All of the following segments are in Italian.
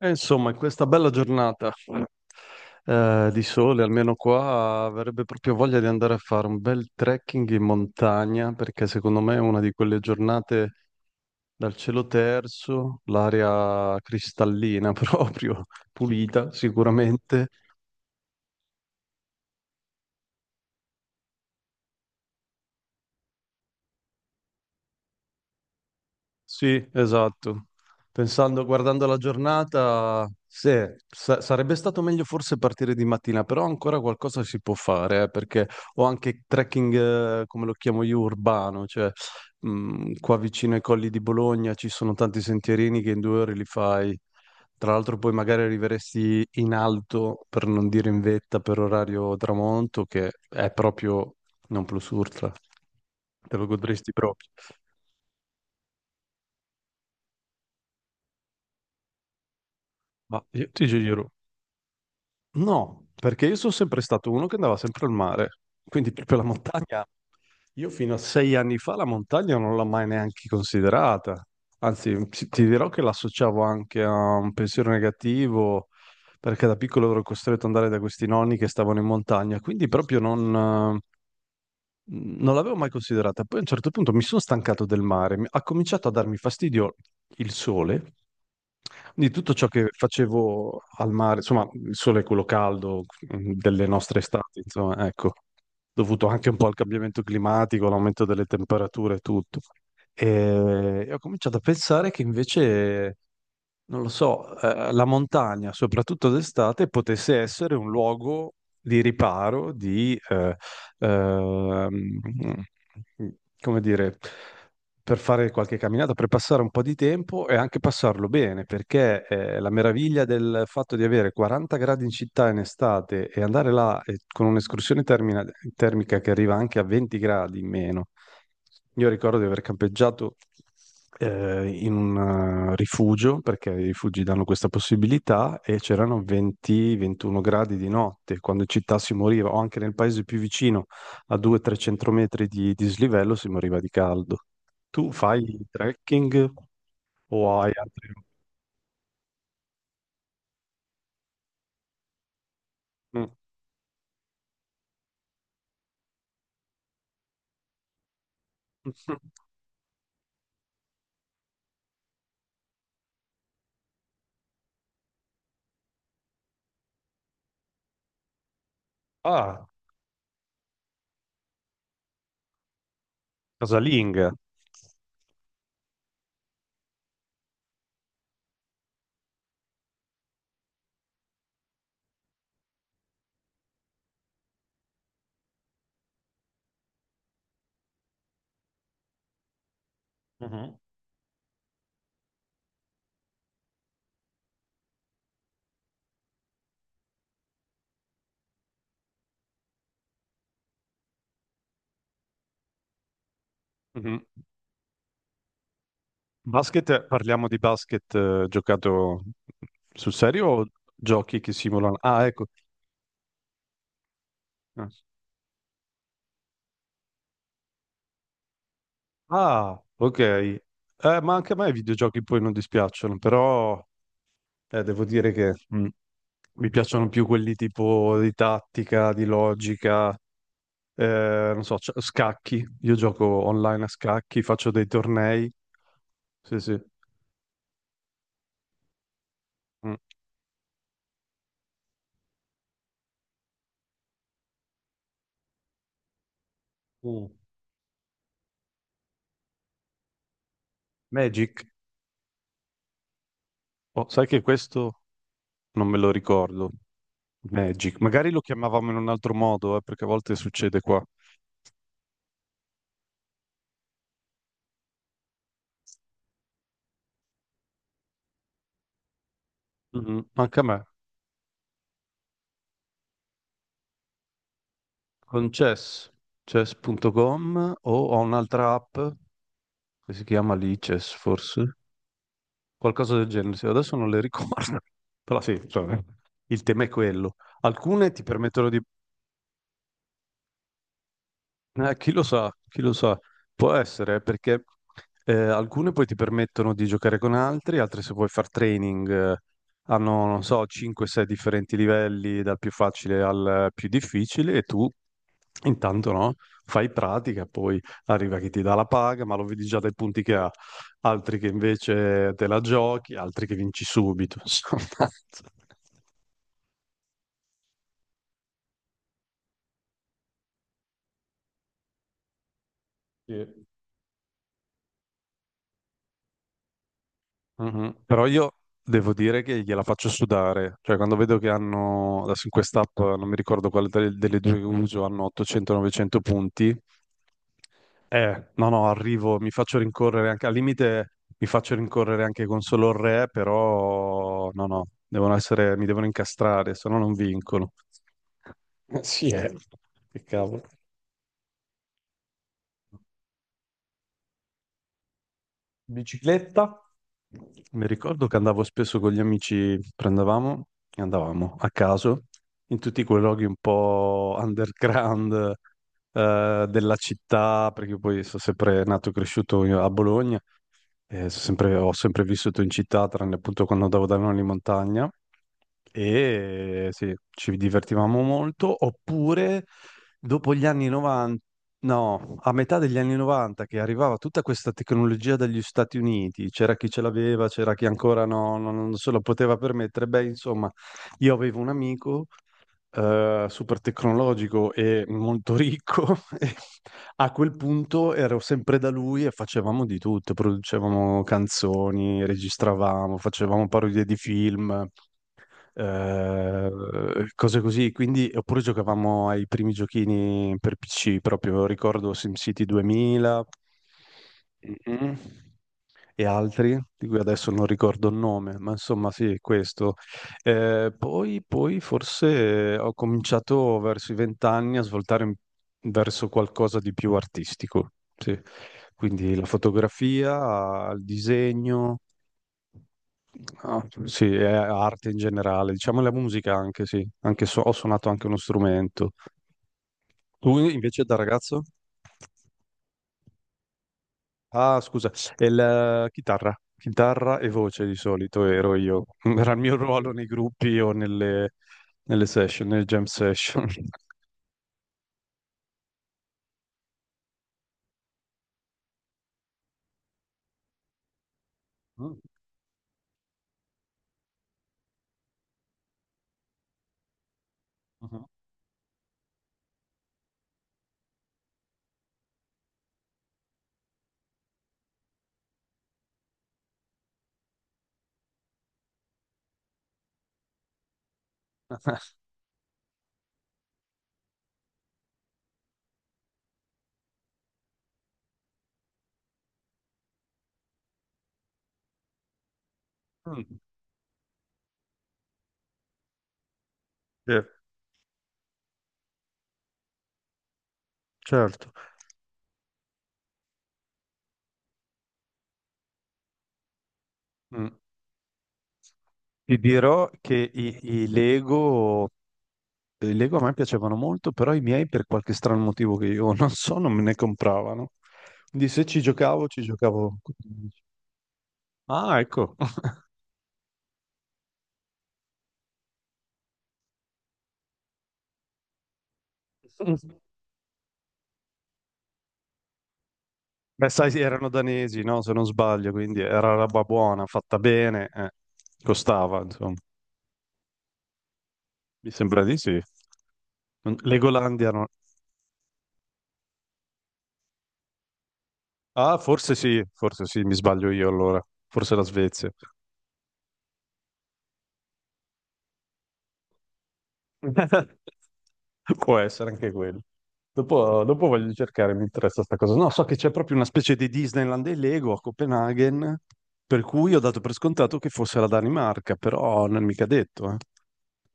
E insomma, in questa bella giornata di sole, almeno qua, avrebbe proprio voglia di andare a fare un bel trekking in montagna, perché secondo me è una di quelle giornate dal cielo terzo, l'aria cristallina proprio, pulita sicuramente. Sì, esatto. Pensando, guardando la giornata, sì, sarebbe stato meglio forse partire di mattina, però ancora qualcosa si può fare, perché ho anche trekking, come lo chiamo io, urbano, cioè qua vicino ai colli di Bologna ci sono tanti sentierini che in 2 ore li fai. Tra l'altro poi magari arriveresti in alto, per non dire in vetta, per orario tramonto, che è proprio non plus ultra, te lo godresti proprio. Ma io ti giuro, no, perché io sono sempre stato uno che andava sempre al mare, quindi proprio la montagna. Io fino a 6 anni fa la montagna non l'ho mai neanche considerata. Anzi, ti dirò che l'associavo anche a un pensiero negativo, perché da piccolo ero costretto ad andare da questi nonni che stavano in montagna, quindi proprio non l'avevo mai considerata. Poi a un certo punto mi sono stancato del mare, ha cominciato a darmi fastidio il sole, quindi tutto ciò che facevo al mare, insomma, il sole è quello caldo delle nostre estati, insomma, ecco, dovuto anche un po' al cambiamento climatico, all'aumento delle temperature e tutto. E ho cominciato a pensare che invece, non lo so, la montagna, soprattutto d'estate, potesse essere un luogo di riparo, ehm, come dire, per fare qualche camminata, per passare un po' di tempo e anche passarlo bene, perché la meraviglia del fatto di avere 40 gradi in città in estate e andare là con un'escursione termica che arriva anche a 20 gradi in meno. Io ricordo di aver campeggiato in un rifugio, perché i rifugi danno questa possibilità, e c'erano 20-21 gradi di notte, quando in città si moriva, o anche nel paese più vicino, a 200-300 metri di dislivello si moriva di caldo. Tu fai trekking o hai altri... Mm. Ah, casalinga. Mhm. Mhm. Basket, parliamo di basket giocato sul serio o giochi che simulano? Ah, ecco. Ah, ah, ok. Ma anche a me i videogiochi poi non dispiacciono, però devo dire che mi piacciono più quelli tipo di tattica, di logica. Non so, scacchi. Io gioco online a scacchi, faccio dei tornei. Sì, sì. Mm. Mm. Magic? Oh, sai che questo non me lo ricordo. Magic. Magari lo chiamavamo in un altro modo, perché a volte succede qua. Mhm. Anche a me. Con Chess. Chess.com o ho un'altra app che si chiama lì Chess, forse. Qualcosa del genere. Sì, adesso non le ricordo. Però sì, insomma, il tema è quello. Alcune ti permettono di... chi lo sa, può essere perché alcune poi ti permettono di giocare con altri, altre se vuoi far training hanno, non so, 5-6 differenti livelli, dal più facile al più difficile e tu intanto no, fai pratica, poi arriva chi ti dà la paga, ma lo vedi già dai punti che ha, altri che invece te la giochi, altri che vinci subito, insomma. Sì. Mhm. Però io devo dire che gliela faccio sudare, cioè quando vedo che hanno, adesso in quest'app, non mi ricordo quale delle due che uso, hanno 800-900 punti, no no, arrivo, mi faccio rincorrere anche, al limite mi faccio rincorrere anche con solo il re, però no no, devono essere, mi devono incastrare, se no non vincono. Sì, eh. Che cavolo. Mi ricordo che andavo spesso con gli amici, prendevamo e andavamo a caso in tutti quei luoghi un po' underground della città, perché poi sono sempre nato e cresciuto io a Bologna, e ho sempre vissuto in città, tranne appunto quando andavo da nonni in montagna, e sì, ci divertivamo molto, oppure dopo gli anni 90. No, a metà degli anni 90 che arrivava tutta questa tecnologia dagli Stati Uniti, c'era chi ce l'aveva, c'era chi ancora no, non se lo poteva permettere. Beh, insomma, io avevo un amico super tecnologico e molto ricco e a quel punto ero sempre da lui e facevamo di tutto, producevamo canzoni, registravamo, facevamo parodie di film eh, cose così. Quindi, oppure giocavamo ai primi giochini per PC, proprio ricordo SimCity 2000 mm, e altri, di cui adesso non ricordo il nome, ma insomma sì, questo. Poi, forse ho cominciato verso i vent'anni a svoltare verso qualcosa di più artistico, sì. Quindi la fotografia, il disegno. Ah, sì, è arte in generale, diciamo la musica anche, sì, anche ho suonato anche uno strumento. Tu invece da ragazzo? Ah, scusa, è la chitarra, chitarra e voce di solito ero io, era il mio ruolo nei gruppi o nelle, session, nelle jam session. Mm, mhm. Mm, sì, certo. Mm. Ti dirò che i Lego. I Lego a me piacevano molto, però i miei per qualche strano motivo che io non so, non me ne compravano. Quindi se ci giocavo, ci giocavo, con gli amici. Ah, ecco. Beh, sai, erano danesi, no? Se non sbaglio, quindi era roba buona, fatta bene, eh. Costava, insomma. Mi sembra di sì. Legolandia no. Ah, forse sì, mi sbaglio io allora. Forse la Svezia. Può essere anche quello. Dopo, dopo voglio cercare, mi interessa sta cosa. No, so che c'è proprio una specie di Disneyland dei Lego a Copenaghen, per cui ho dato per scontato che fosse la Danimarca, però non è mica detto, eh.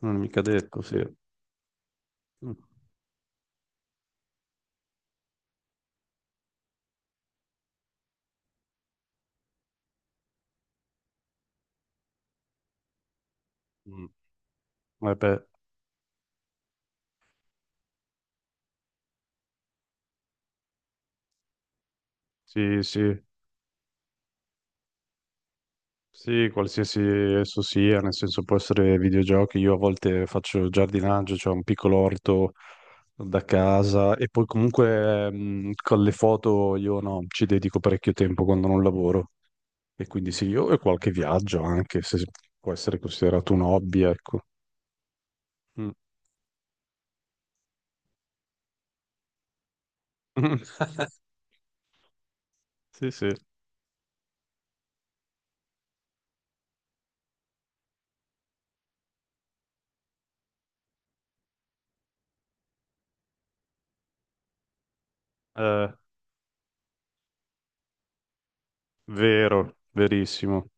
Non è mica detto, sì. Mm. Mm. Eh beh, sì, sì. Sì, qualsiasi esso sia, nel senso può essere videogiochi, io a volte faccio giardinaggio, cioè un piccolo orto da casa e poi comunque con le foto io no, ci dedico parecchio tempo quando non lavoro e quindi sì, io e qualche viaggio anche, se può essere considerato un hobby, ecco. Mm. Sì, sì. Eh, vero, verissimo.